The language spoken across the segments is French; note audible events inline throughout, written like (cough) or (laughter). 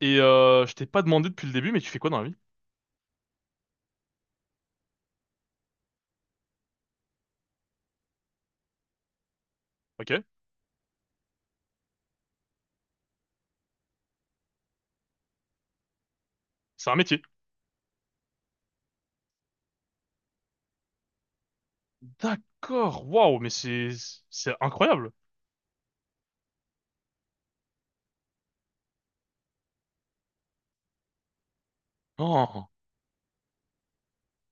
Et je t'ai pas demandé depuis le début, mais tu fais quoi dans la vie? Ok, c'est un métier. D'accord, waouh, mais c'est incroyable. Oh.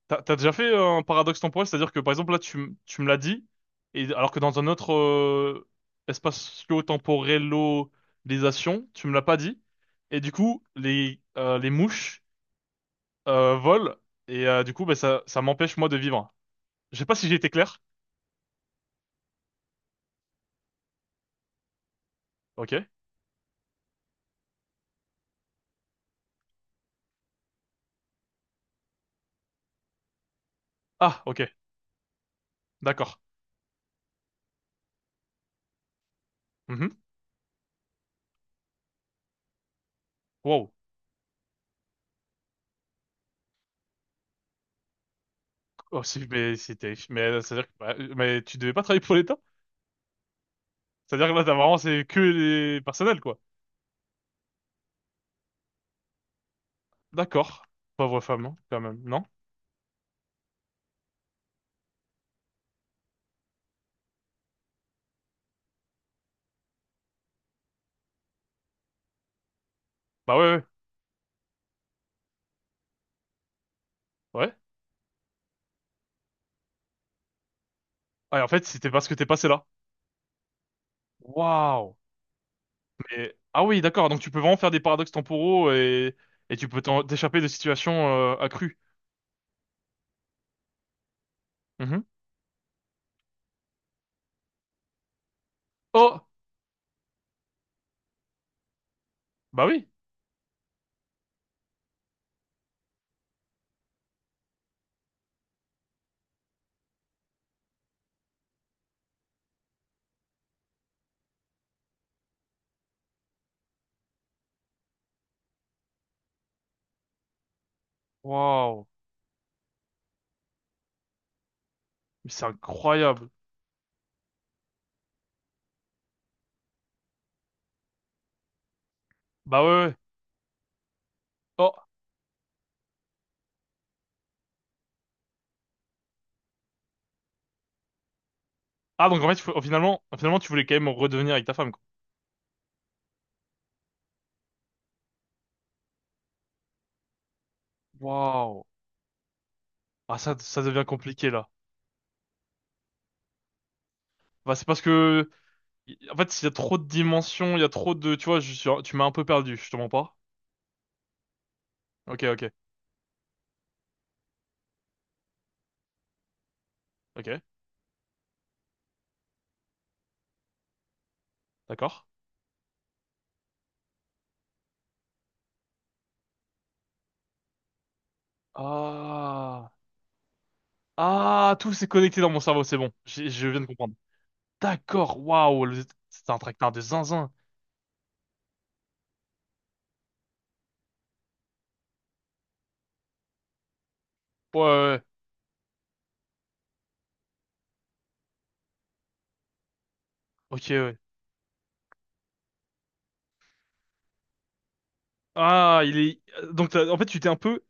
T'as déjà fait un paradoxe temporel, c'est-à-dire que par exemple là tu me l'as dit, et alors que dans un autre espacio-temporellisation, tu me l'as pas dit, et du coup les mouches volent, et du coup bah, ça m'empêche moi de vivre. Je sais pas si j'ai été clair. Ok. Ah ok, d'accord. Mhm. Wow. Oh, mais c'est terrible. Mais c'est-à-dire que bah, mais tu devais pas travailler pour l'État? C'est-à-dire que là, t'as vraiment, c'est que les personnels, quoi. D'accord. Pauvre femme, hein, quand même. Non? Bah ouais, ouais. Ouais. Ah, et en fait, c'était parce que t'es passé là. Waouh. Mais, ah oui, d'accord. Donc, tu peux vraiment faire des paradoxes temporaux et tu peux t'échapper de situations accrues. Mhm. Oh! Bah oui. Waouh. Mais c'est incroyable. Bah ouais, ouais. Oh. Ah, donc en fait, finalement, finalement, tu voulais quand même redevenir avec ta femme, quoi. Waouh. Ah, ça devient compliqué, là. Bah, c'est parce que en fait, il y a trop de dimensions, il y a trop de... Tu vois, tu m'as un peu perdu, je te mens pas. Ok, ok, ok, d'accord. Ah. Ah, tout s'est connecté dans mon cerveau, c'est bon. Je viens de comprendre. D'accord, waouh, c'est un tracteur de zinzin. Ouais, ouais, ouais. Ok, ouais. Ah. Donc, en fait, tu t'es un peu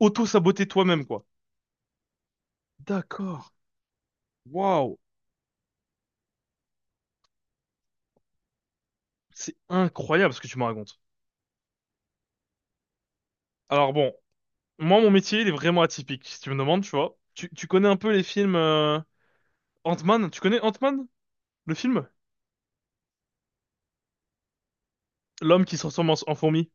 auto-saboté toi-même, quoi. D'accord. Waouh, c'est incroyable ce que tu me racontes. Alors bon, moi, mon métier, il est vraiment atypique, si tu me demandes, tu vois. Tu connais un peu les films, Ant-Man, tu connais Ant-Man? Le film, l'homme qui se transforme en fourmi.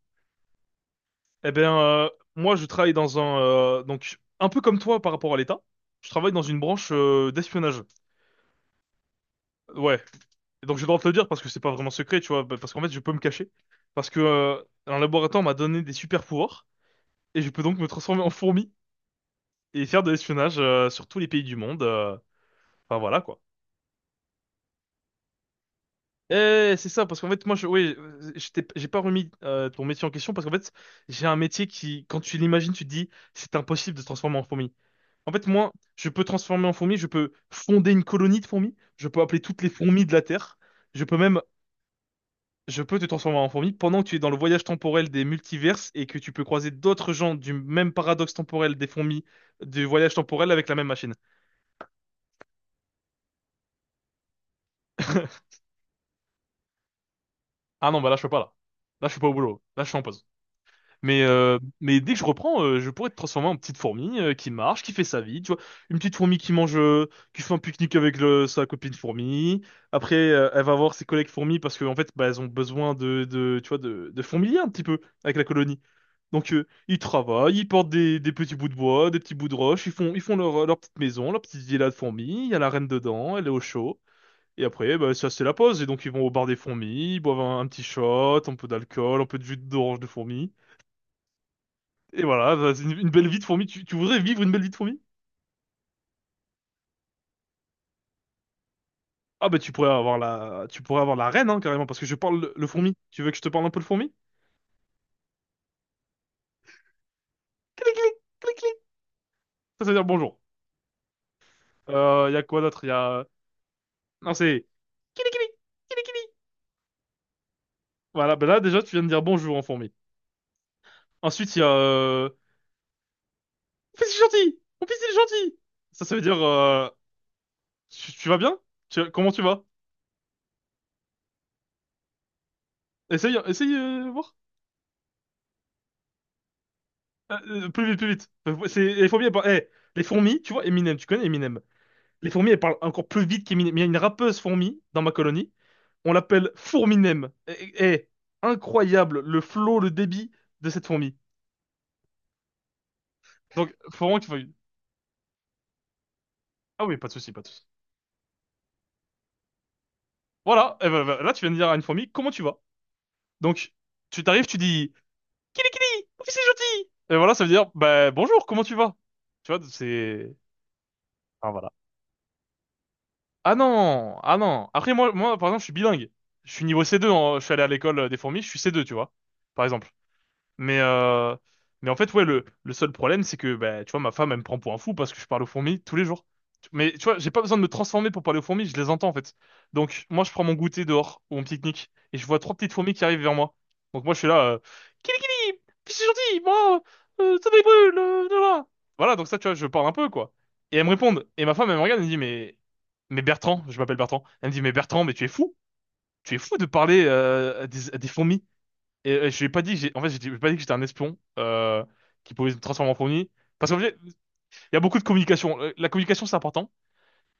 Eh bien, moi, je travaille dans un donc un peu comme toi par rapport à l'État. Je travaille dans une branche d'espionnage. Ouais. Donc, j'ai le droit de te le dire parce que c'est pas vraiment secret, tu vois, bah, parce qu'en fait, je peux me cacher parce que un laboratoire m'a donné des super pouvoirs et je peux donc me transformer en fourmi et faire de l'espionnage sur tous les pays du monde. Enfin voilà quoi. Eh, c'est ça parce qu'en fait, moi, oui, j'ai pas remis ton métier en question parce qu'en fait, j'ai un métier qui, quand tu l'imagines, tu te dis c'est impossible de se transformer en fourmi. En fait, moi, je peux transformer en fourmi, je peux fonder une colonie de fourmis, je peux appeler toutes les fourmis de la Terre, je peux même, je peux te transformer en fourmi pendant que tu es dans le voyage temporel des multiverses et que tu peux croiser d'autres gens du même paradoxe temporel des fourmis du voyage temporel avec la même machine. (laughs) Ah non, bah là, je peux pas, là. Là, je suis pas au boulot. Là, je suis en pause. Mais dès que je reprends, je pourrais te transformer en petite fourmi qui marche, qui fait sa vie, tu vois. Une petite fourmi qui mange, qui fait un pique-nique avec sa copine fourmi. Après, elle va voir ses collègues fourmis parce que en fait, bah, elles ont besoin de, tu vois, de fourmiliers un petit peu avec la colonie. Donc, ils travaillent, ils portent des petits bouts de bois, des petits bouts de roche, ils font leur petite maison, leur petite villa de fourmis. Il y a la reine dedans, elle est au chaud. Et après, bah, ça c'est la pause. Et donc, ils vont au bar des fourmis, ils boivent un petit shot, un peu d'alcool, un peu de jus d'orange de fourmi. Et voilà, bah, c'est une belle vie de fourmi. Tu voudrais vivre une belle vie de fourmi? Ah bah tu pourrais avoir tu pourrais avoir la reine hein, carrément parce que je parle le fourmi. Tu veux que je te parle un peu le fourmi? Clic clic clic clic. Ça veut dire bonjour. Y a quoi d'autre? Non, c'est kili kili kili kili. Voilà, bah là déjà tu viens de dire bonjour en fourmi. Ensuite il y a, mon fils est gentil, mon fils il est gentil. Ça veut dire, tu vas bien? Comment tu vas? Essaye, essaye voir. Plus vite, plus vite. C'est les fourmis. Eh, les fourmis, tu vois Eminem, tu connais Eminem? Les fourmis, elles parlent encore plus vite qu'Eminem. Il y a une rappeuse fourmi dans ma colonie. On l'appelle Fourminem. Incroyable le flow, le débit de cette fourmi. Donc, faut vraiment que tu fasses. Ah oui, pas de souci, pas de souci. Voilà, eh ben, là, tu viens de dire à une fourmi, comment tu vas? Donc, tu t'arrives, tu dis, Kili Kili, oh, c'est gentil! Et voilà, ça veut dire, bah, bonjour, comment tu vas? Tu vois. Ah, voilà. Ah non, ah non. Après, moi, moi, par exemple, je suis bilingue. Je suis niveau C2, je suis allé à l'école des fourmis, je suis C2, tu vois, par exemple. Mais, euh, mais en fait, ouais, le seul problème, c'est que, bah, tu vois, ma femme, elle me prend pour un fou parce que je parle aux fourmis tous les jours. Mais tu vois, j'ai pas besoin de me transformer pour parler aux fourmis, je les entends en fait. Donc, moi, je prends mon goûter dehors ou mon pique-nique et je vois trois petites fourmis qui arrivent vers moi. Donc, moi, je suis là, Kili Kili, je suis gentil, moi, ça me brûle, voilà. Voilà, donc ça, tu vois, je parle un peu, quoi. Et elles me répondent. Et ma femme, elle me regarde, elle me dit, mais Bertrand, je m'appelle Bertrand. Elle me dit, mais Bertrand, mais tu es fou de parler à des fourmis. Et, je lui ai pas dit, en fait, je lui ai pas dit que j'étais un espion qui pouvait se transformer en fourmi. Parce qu'en fait, il y a beaucoup de communication. La communication, c'est important.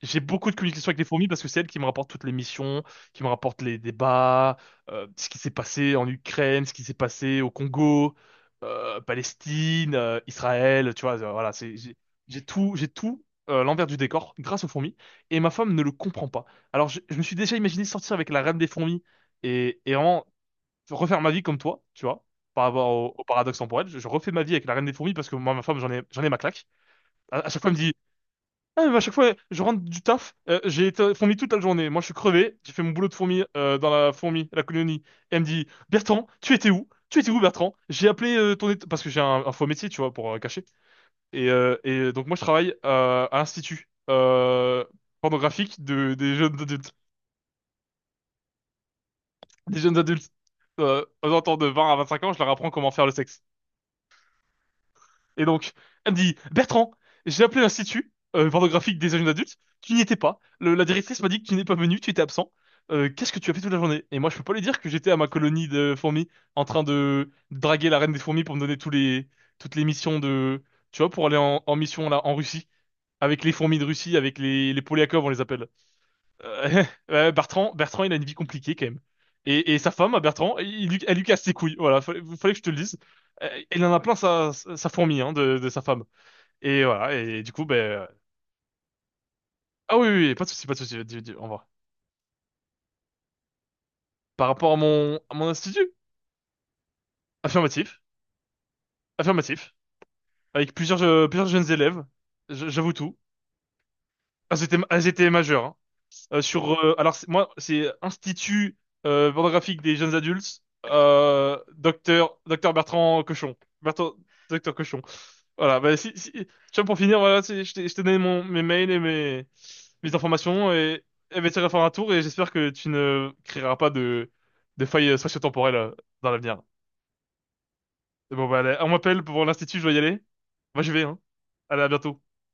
J'ai beaucoup de communication avec les fourmis parce que c'est elles qui me rapportent toutes les missions, qui me rapportent les débats, ce qui s'est passé en Ukraine, ce qui s'est passé au Congo, Palestine, Israël. Tu vois, voilà, c'est j'ai tout l'envers du décor grâce aux fourmis. Et ma femme ne le comprend pas. Alors, je me suis déjà imaginé sortir avec la reine des fourmis et vraiment refaire ma vie comme toi, tu vois, par rapport au paradoxe temporel. Je refais ma vie avec la reine des fourmis parce que moi, ma femme, j'en ai ma claque. À chaque fois, elle me dit, ah, mais à chaque fois, je rentre du taf, j'ai été fourmi toute la journée. Moi, je suis crevé, j'ai fait mon boulot de fourmi dans la colonie. Elle me dit, Bertrand, tu étais où? Tu étais où, Bertrand? J'ai appelé parce que j'ai un faux métier, tu vois, pour cacher. Et donc, moi, je travaille à l'institut pornographique des jeunes adultes. Des jeunes adultes. Aux alentours de 20 à 25 ans, je leur apprends comment faire le sexe. Et donc, elle me dit, Bertrand, j'ai appelé l'institut pornographique des jeunes adultes, tu n'y étais pas. La directrice m'a dit que tu n'es pas venu, tu étais absent. Qu'est-ce que tu as fait toute la journée? Et moi, je peux pas lui dire que j'étais à ma colonie de fourmis en train de draguer la reine des fourmis pour me donner toutes les missions tu vois, pour aller en mission là, en Russie, avec les fourmis de Russie, avec les Polyakov, on les appelle. Euh, (laughs) Bertrand, Bertrand, il a une vie compliquée quand même. Et sa femme, Bertrand, elle lui casse ses couilles. Voilà, fallait que je te le dise. Il en a plein sa fourmi hein, de sa femme. Et voilà, et du coup, ben. Ah oui, oui, oui, pas de souci, pas de souci. Au revoir. Par rapport à mon, institut, affirmatif, affirmatif, avec plusieurs jeunes élèves, j'avoue tout. Elles étaient majeures, hein. Alors moi, c'est Institut pornographique des jeunes adultes, docteur, docteur Bertrand Cochon, Bertrand, docteur Cochon. Voilà. Bah, si, si, tu vois, pour finir, voilà, je t'ai donné mes mails et mes informations et elle va essayer de faire un tour et j'espère que tu ne créeras pas de failles spatio-temporelles dans l'avenir. Bon bah, allez, on m'appelle pour l'Institut, je dois y aller. Moi, je vais, hein. Allez, à bientôt.